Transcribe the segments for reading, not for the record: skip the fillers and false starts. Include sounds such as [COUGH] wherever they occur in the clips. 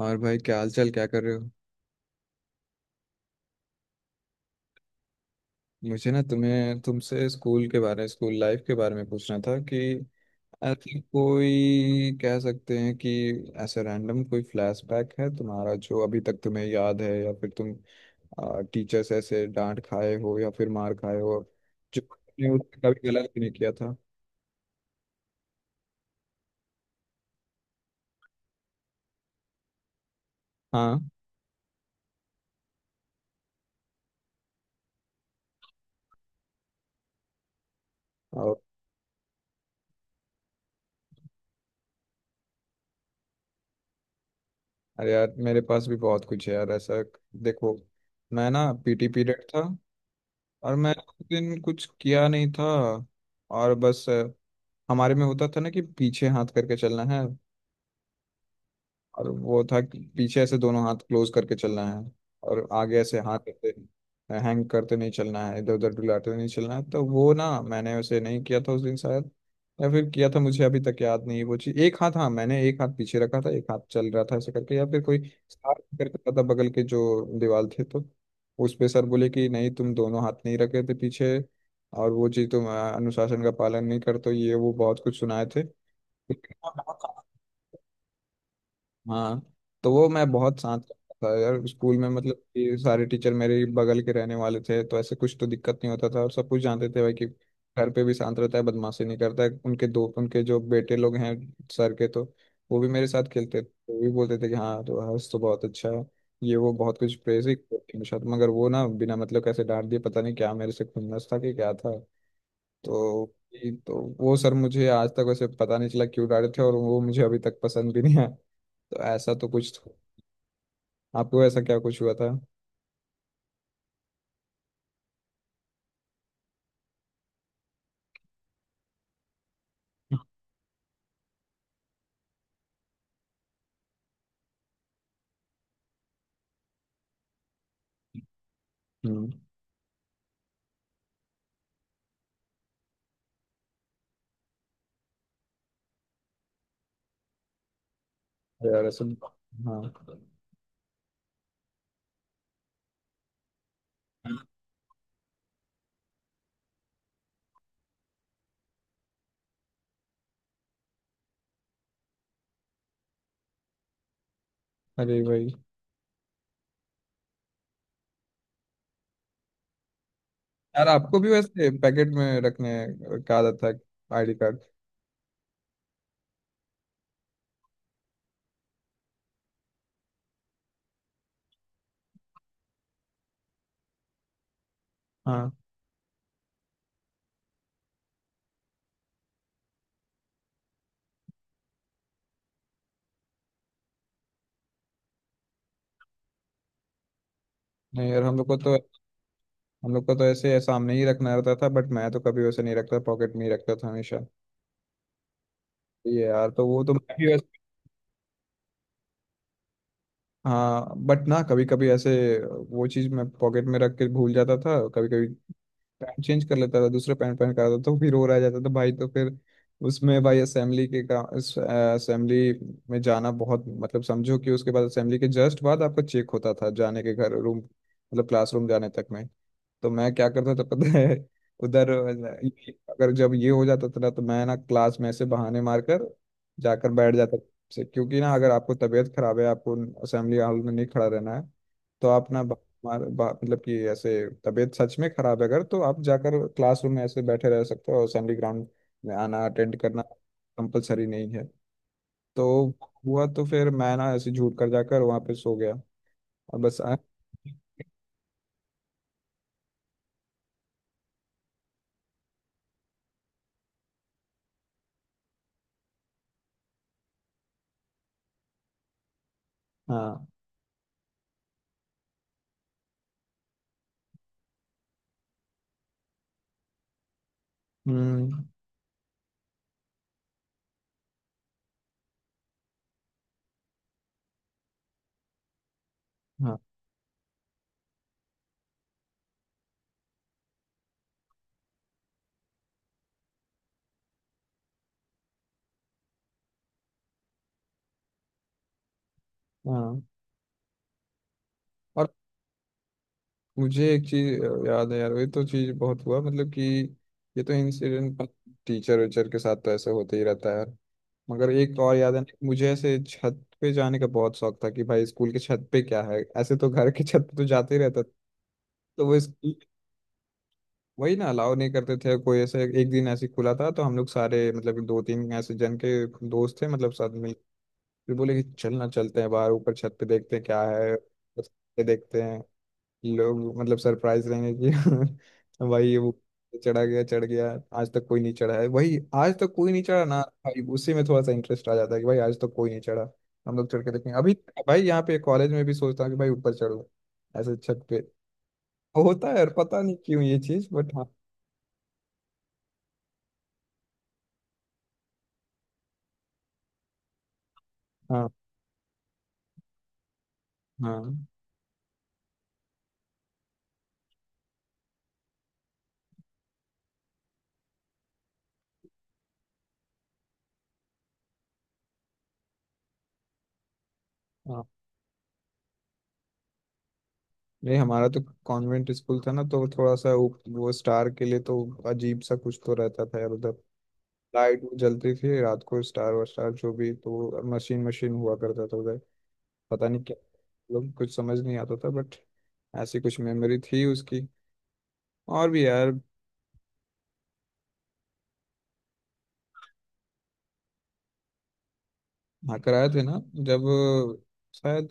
और भाई, क्या हाल चाल, क्या कर रहे हो? मुझे ना तुम्हें तुमसे स्कूल के बारे में, स्कूल लाइफ के बारे में पूछना था कि ऐसी कोई, कह सकते हैं कि ऐसा रैंडम कोई फ्लैशबैक है तुम्हारा जो अभी तक तुम्हें याद है, या फिर तुम टीचर्स ऐसे डांट खाए हो या फिर मार खाए हो, जो तुमने उस पे कभी गलत भी नहीं किया था। हाँ। और अरे यार, मेरे पास भी बहुत कुछ है यार ऐसा। देखो, मैं ना पीटी पीरियड था, और मैं उस दिन कुछ किया नहीं था, और बस हमारे में होता था ना कि पीछे हाथ करके चलना है। और वो था कि पीछे ऐसे दोनों हाथ क्लोज करके चलना है, और आगे ऐसे हाथ ऐसे हैंग करते नहीं चलना है, इधर उधर डुलाते नहीं चलना है। तो वो ना मैंने वैसे नहीं किया था उस दिन शायद, या फिर किया था, मुझे अभी तक याद नहीं है वो चीज। एक हाथ, हाँ, मैंने एक हाथ पीछे रखा था, एक हाथ चल रहा था ऐसे करके, या फिर कोई सर करके रखा था बगल के जो दीवार थे, तो उस पे सर बोले कि नहीं, तुम दोनों हाथ नहीं रखे थे पीछे, और वो चीज तुम अनुशासन का पालन नहीं करते हो, ये वो बहुत कुछ सुनाए थे। हाँ। तो वो मैं बहुत शांत करता था यार स्कूल में, मतलब कि सारे टीचर मेरे बगल के रहने वाले थे, तो ऐसे कुछ तो दिक्कत नहीं होता था, और सब कुछ जानते थे भाई कि घर पे भी शांत रहता है, बदमाशी नहीं करता है। उनके दो, उनके जो बेटे लोग हैं सर के, तो वो भी मेरे साथ खेलते थे। वो भी बोलते थे कि हाँ तो हर्ष तो बहुत अच्छा है, ये वो बहुत कुछ प्रेज ही करते हैं। शायद मगर वो ना बिना मतलब कैसे डांट दिए, पता नहीं क्या मेरे से खुन्नस था कि क्या था। तो वो सर मुझे आज तक वैसे पता नहीं चला क्यों डांटे थे, और वो मुझे अभी तक पसंद भी नहीं आया। तो ऐसा तो कुछ था। आपको ऐसा क्या कुछ हुआ था? हम्म। यार, ऐसा तो। हाँ। अरे भाई। यार, आपको भी वैसे पैकेट में रखने का आदत था आईडी कार्ड? हाँ। नहीं यार, हम लोग को तो ऐसे सामने ही रखना रहता था, बट मैं तो कभी वैसे नहीं रखता, पॉकेट में ही रखता था हमेशा। ये यार, तो वो तो मैं भी वैसे। हाँ बट ना, कभी कभी ऐसे वो चीज़ मैं पॉकेट में रख के भूल जाता था कभी कभी। पैंट चेंज कर लेता था, दूसरा पैंट पहन कर आता था, तो फिर वो रह जाता था भाई, तो फिर उसमें भाई असेंबली के का असेंबली में जाना बहुत मतलब, समझो कि उसके बाद असेंबली के जस्ट बाद आपका चेक होता था जाने के, घर रूम मतलब क्लासरूम जाने तक में। तो मैं क्या करता था पता है? उधर, अगर जब ये हो जाता था ना तो मैं ना क्लास में ऐसे बहाने मारकर जाकर बैठ जाता से, क्योंकि ना अगर आपको तबीयत खराब है, आपको असेंबली हॉल में नहीं खड़ा रहना है। तो आप ना मार मतलब कि ऐसे, तबीयत सच में खराब है अगर तो आप जाकर क्लासरूम में ऐसे बैठे रह सकते हो, और असेंबली ग्राउंड में आना, अटेंड करना कंपलसरी नहीं है। तो हुआ, तो फिर मैं ना ऐसे झूठ कर जाकर वहां पे सो गया, और बस हाँ। हम्म। हाँ। हाँ। और मुझे एक चीज याद है यार, ये तो चीज बहुत हुआ, मतलब कि ये तो इंसिडेंट टीचर वीचर के साथ तो ऐसे होते ही रहता है यार। मगर एक और याद है मुझे, ऐसे छत पे जाने का बहुत शौक था, कि भाई स्कूल के छत पे क्या है, ऐसे तो घर के छत पे तो जाते ही रहता था। तो वो स्कूल, वही ना, अलाउ नहीं करते थे कोई, ऐसे एक दिन ऐसे खुला था, तो हम लोग सारे, मतलब दो तीन ऐसे जन के दोस्त थे, मतलब साथ में, फिर बोले कि चलना चलते हैं बाहर ऊपर छत पे, देखते हैं क्या है। बस, ये देखते हैं, लोग मतलब सरप्राइज रहेंगे कि [LAUGHS] भाई ये वो चढ़ गया। आज तक कोई नहीं चढ़ा है, वही, आज तक कोई नहीं चढ़ा ना। भाई उसी में थोड़ा सा इंटरेस्ट आ जाता है कि भाई आज तक कोई नहीं चढ़ा, हम लोग चढ़ के देखेंगे अभी। भाई यहाँ पे कॉलेज में भी सोचता हूँ कि भाई ऊपर चढ़ूँ, ऐसे छत पे होता है, और पता नहीं क्यों ये चीज, बट हाँ। हाँ। हाँ। हाँ। नहीं हमारा तो कॉन्वेंट स्कूल था ना, तो थोड़ा सा वो स्टार के लिए तो अजीब सा कुछ तो रहता था यार उधर। लाइट वो जलती थी रात को, स्टार वार जो भी, तो मशीन मशीन हुआ करता था उधर, पता नहीं क्या लोग, कुछ समझ नहीं आता था बट ऐसी कुछ मेमोरी थी उसकी और भी यार। हाँ, कराए थे ना जब शायद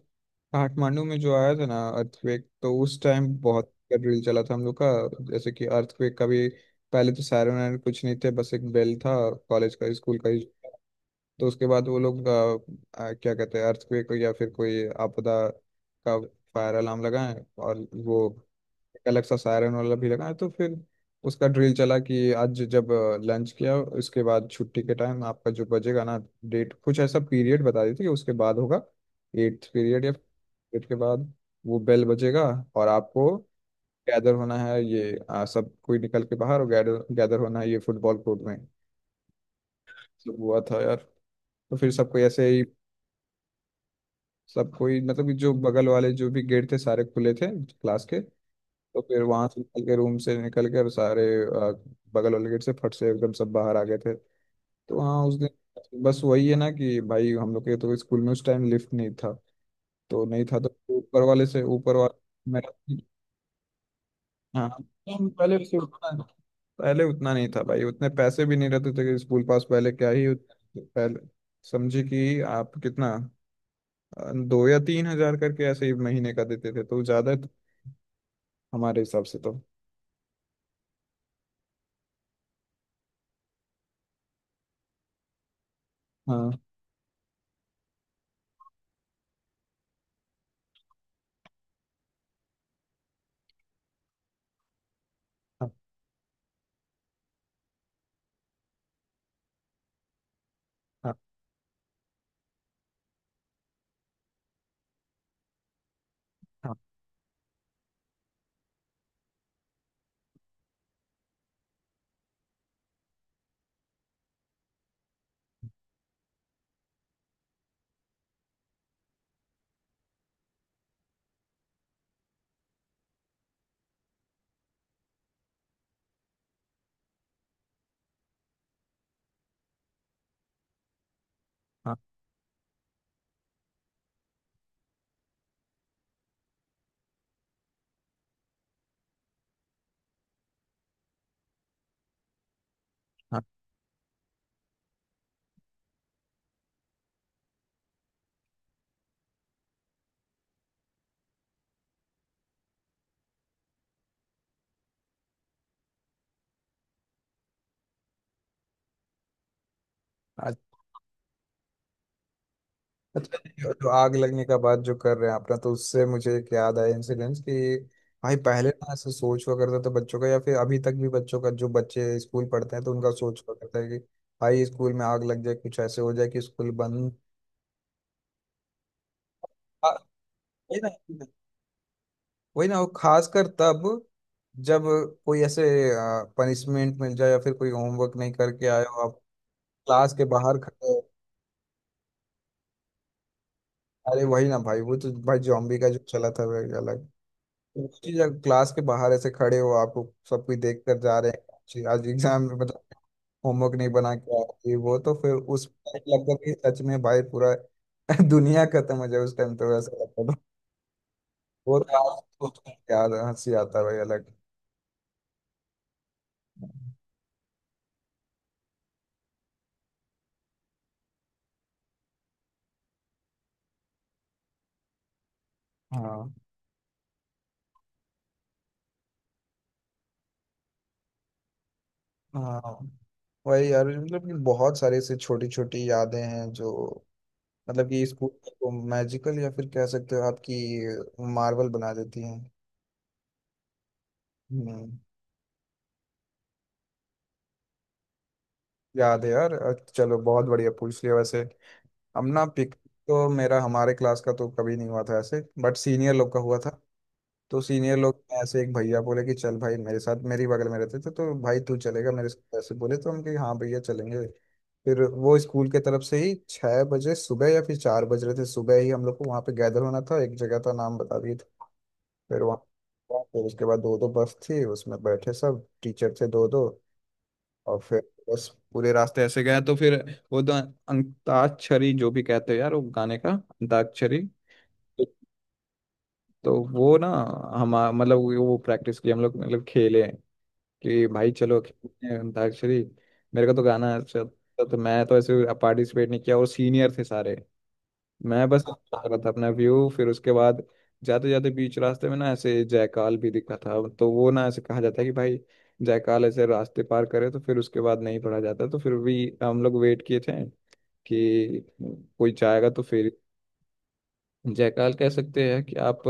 काठमांडू में जो आया था ना अर्थक्वेक, तो उस टाइम बहुत ड्रिल चला था हम लोग का। जैसे कि अर्थक्वेक का भी पहले तो सायरन वायरन कुछ नहीं थे, बस एक बेल था, कॉलेज का, स्कूल का ही। तो उसके बाद वो लोग क्या कहते हैं, अर्थक्वेक या फिर कोई आपदा का फायर अलार्म लगाएं, और वो एक अलग सा सायरन वाला भी लगाएं। तो फिर उसका ड्रिल चला कि आज जब लंच किया उसके बाद, छुट्टी के टाइम आपका जो बजेगा ना, डेट कुछ ऐसा, पीरियड बता दी थी कि उसके बाद होगा, एट्थ पीरियड या पीरियड के बाद वो बेल बजेगा, और आपको गैदर होना है, ये सब कोई निकल के बाहर, और गैदर गैदर होना है ये फुटबॉल कोर्ट में। सब हुआ था यार। तो फिर सबको ऐसे ही, सब कोई, मतलब कि जो बगल वाले जो भी गेट थे सारे खुले थे क्लास के, तो फिर वहां से निकल के, रूम से निकल के, और सारे बगल वाले गेट से फट से एकदम सब बाहर आ गए थे। तो हाँ उस दिन बस, वही है ना कि भाई हम लोग के तो स्कूल में उस टाइम लिफ्ट नहीं था। तो नहीं था, तो ऊपर वाले से ऊपर वाला मेरा। हाँ, हम पहले उससे उतना पहले उतना नहीं था भाई, उतने पैसे भी नहीं रहते थे, कि स्कूल पास पहले क्या ही पहले समझे कि आप कितना 2 या 3 हजार करके ऐसे ही महीने का देते थे, तो ज्यादा हमारे हिसाब से तो। हाँ। हाँ। हाँ। हाँ। हाँ। हाँ। आज- अच्छा, ये जो आग लगने का बात जो कर रहे हैं आपने, तो उससे मुझे एक याद आया इंसिडेंस कि भाई पहले ना ऐसे सोच हुआ करता था बच्चों का, या फिर अभी तक भी बच्चों का, जो बच्चे स्कूल पढ़ते हैं तो उनका सोच हुआ करता है कि भाई स्कूल में आग लग जाए, कुछ ऐसे हो जाए कि स्कूल बंद। हाँ, वही ना, वही ना। वही ना, वो खासकर तब जब कोई ऐसे पनिशमेंट मिल जाए या फिर कोई होमवर्क नहीं करके आए हो आप, क्लास के बाहर खड़े हो। अरे वही ना भाई, वो तो भाई जॉम्बी का जो चला था वो एक अलग। वो चीज अगर क्लास के बाहर ऐसे खड़े हो आपको, सब कुछ देख कर जा रहे हैं जी, आज एग्जाम में मतलब होमवर्क नहीं बना के आए ये वो, तो फिर उस टाइम लगता था कि सच में भाई पूरा [LAUGHS] दुनिया खत्म हो जाए, उस टाइम तो वैसा लगता था। वो तो आज सोच के याद हंसी आता है भाई अलग। हाँ। हाँ। वही यार, मतलब कि बहुत सारी ऐसी छोटी छोटी यादें हैं, जो मतलब कि स्कूल को मैजिकल, या फिर कह सकते हो आपकी मार्वल बना देती हैं। हम्म। याद है यार, चलो बहुत बढ़िया पूछ लिया वैसे। हम ना पिक तो मेरा हमारे क्लास का तो कभी नहीं हुआ था ऐसे, बट सीनियर लोग का हुआ था। तो सीनियर लोग में ऐसे एक भैया बोले कि चल भाई मेरे साथ, मेरी बगल में रहते थे तो भाई तू चलेगा मेरे साथ, ऐसे बोले तो हम कि हाँ भैया चलेंगे। फिर वो स्कूल के तरफ से ही 6 बजे सुबह या फिर 4 बज रहे थे सुबह ही, हम लोग को वहाँ पे गैदर होना था, एक जगह का नाम बता दिए थे। फिर वहाँ हुआ, फिर उसके बाद दो दो बस थी, उसमें बैठे सब टीचर थे दो दो। और फिर बस पूरे रास्ते ऐसे गया, तो फिर वो तो अंताक्षरी जो भी कहते हो यार, वो गाने का अंताक्षरी, तो वो ना हम, मतलब वो प्रैक्टिस की हम लोग, मतलब खेले कि भाई चलो खेलते हैं अंताक्षरी। मेरे को तो गाना अच्छा था, तो मैं तो ऐसे पार्टिसिपेट नहीं किया, और सीनियर थे सारे, मैं बस बता रहा था अपना व्यू। फिर उसके बाद जाते जाते बीच रास्ते में ना ऐसे जायकाल भी दिखा था, तो वो ना ऐसे कहा जाता है कि भाई जायकाल ऐसे रास्ते पार करे तो फिर उसके बाद नहीं पढ़ा जाता, तो फिर भी हम लोग वेट किए थे कि कोई जाएगा तो फिर, जायकाल कह सकते हैं कि आप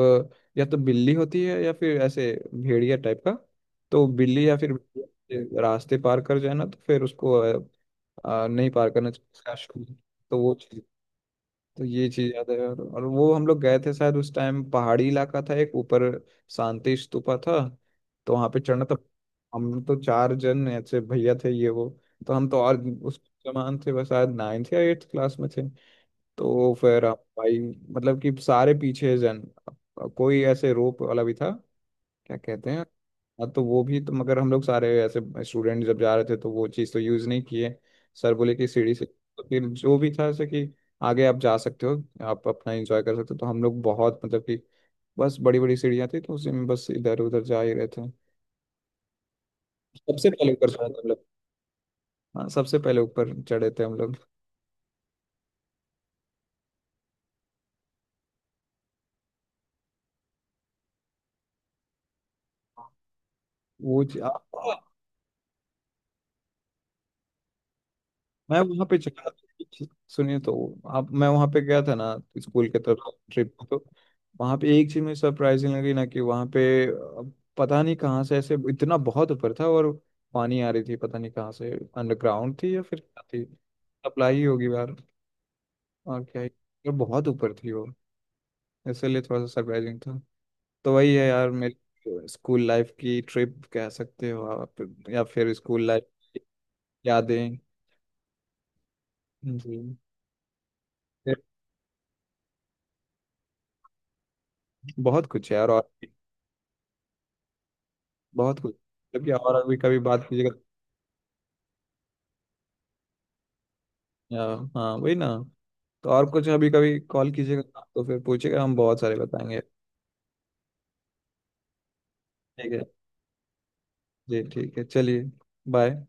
या तो बिल्ली होती है, या फिर ऐसे भेड़िया टाइप का, तो बिल्ली या फिर भेड़िया रास्ते पार कर जाए ना, तो फिर उसको नहीं पार करना चाहिए। तो वो, तो ये चीज याद है यार, और वो हम लोग गए थे शायद, उस टाइम पहाड़ी इलाका था, एक ऊपर शांति स्तूपा था, तो वहां पे चढ़ना। तो हम तो चार जन ऐसे भैया थे ये वो, तो हम तो और उस जमान थे, बस शायद नाइन्थ या एट्थ क्लास में थे, तो फिर हम भाई, मतलब कि सारे पीछे जन, कोई ऐसे रोप वाला भी था, क्या कहते हैं। हाँ तो वो भी तो, मगर हम लोग सारे ऐसे स्टूडेंट जब जा रहे थे तो वो चीज़ तो यूज़ नहीं किए। सर बोले कि सीढ़ी से, तो फिर जो भी था ऐसे कि आगे आप जा सकते हो, आप अपना एंजॉय कर सकते हो, तो हम लोग बहुत मतलब कि बस बड़ी बड़ी सीढ़ियाँ थी, तो उसी में बस इधर उधर जा ही रहे थे। सबसे पहले ऊपर चढ़े थे हम लोग, हाँ सबसे पहले ऊपर चढ़े थे हम लोग। वो चीज़- मैं वहां पे चला, सुनिए तो आप, मैं वहां पे गया था ना स्कूल के तरफ ट्रिप, तो वहां पे एक चीज मुझे सरप्राइजिंग लगी ना कि वहां पे अ, पता नहीं कहाँ से, ऐसे इतना बहुत ऊपर था और पानी आ रही थी पता नहीं कहाँ से, अंडरग्राउंड थी या फिर क्या थी, सप्लाई होगी यार और क्या ही, और बहुत ऊपर थी वो, इसलिए थोड़ा सा सरप्राइजिंग था। तो वही है यार, मेरी स्कूल लाइफ की ट्रिप कह सकते हो आप, या फिर स्कूल लाइफ यादें जी। बहुत कुछ है यार, और बहुत कुछ। जबकि, और अभी कभी बात कीजिएगा तो, या हाँ वही ना। तो और कुछ अभी कभी कॉल कीजिएगा तो फिर पूछिएगा, हम बहुत सारे बताएंगे। ठीक है। जी ठीक है चलिए बाय।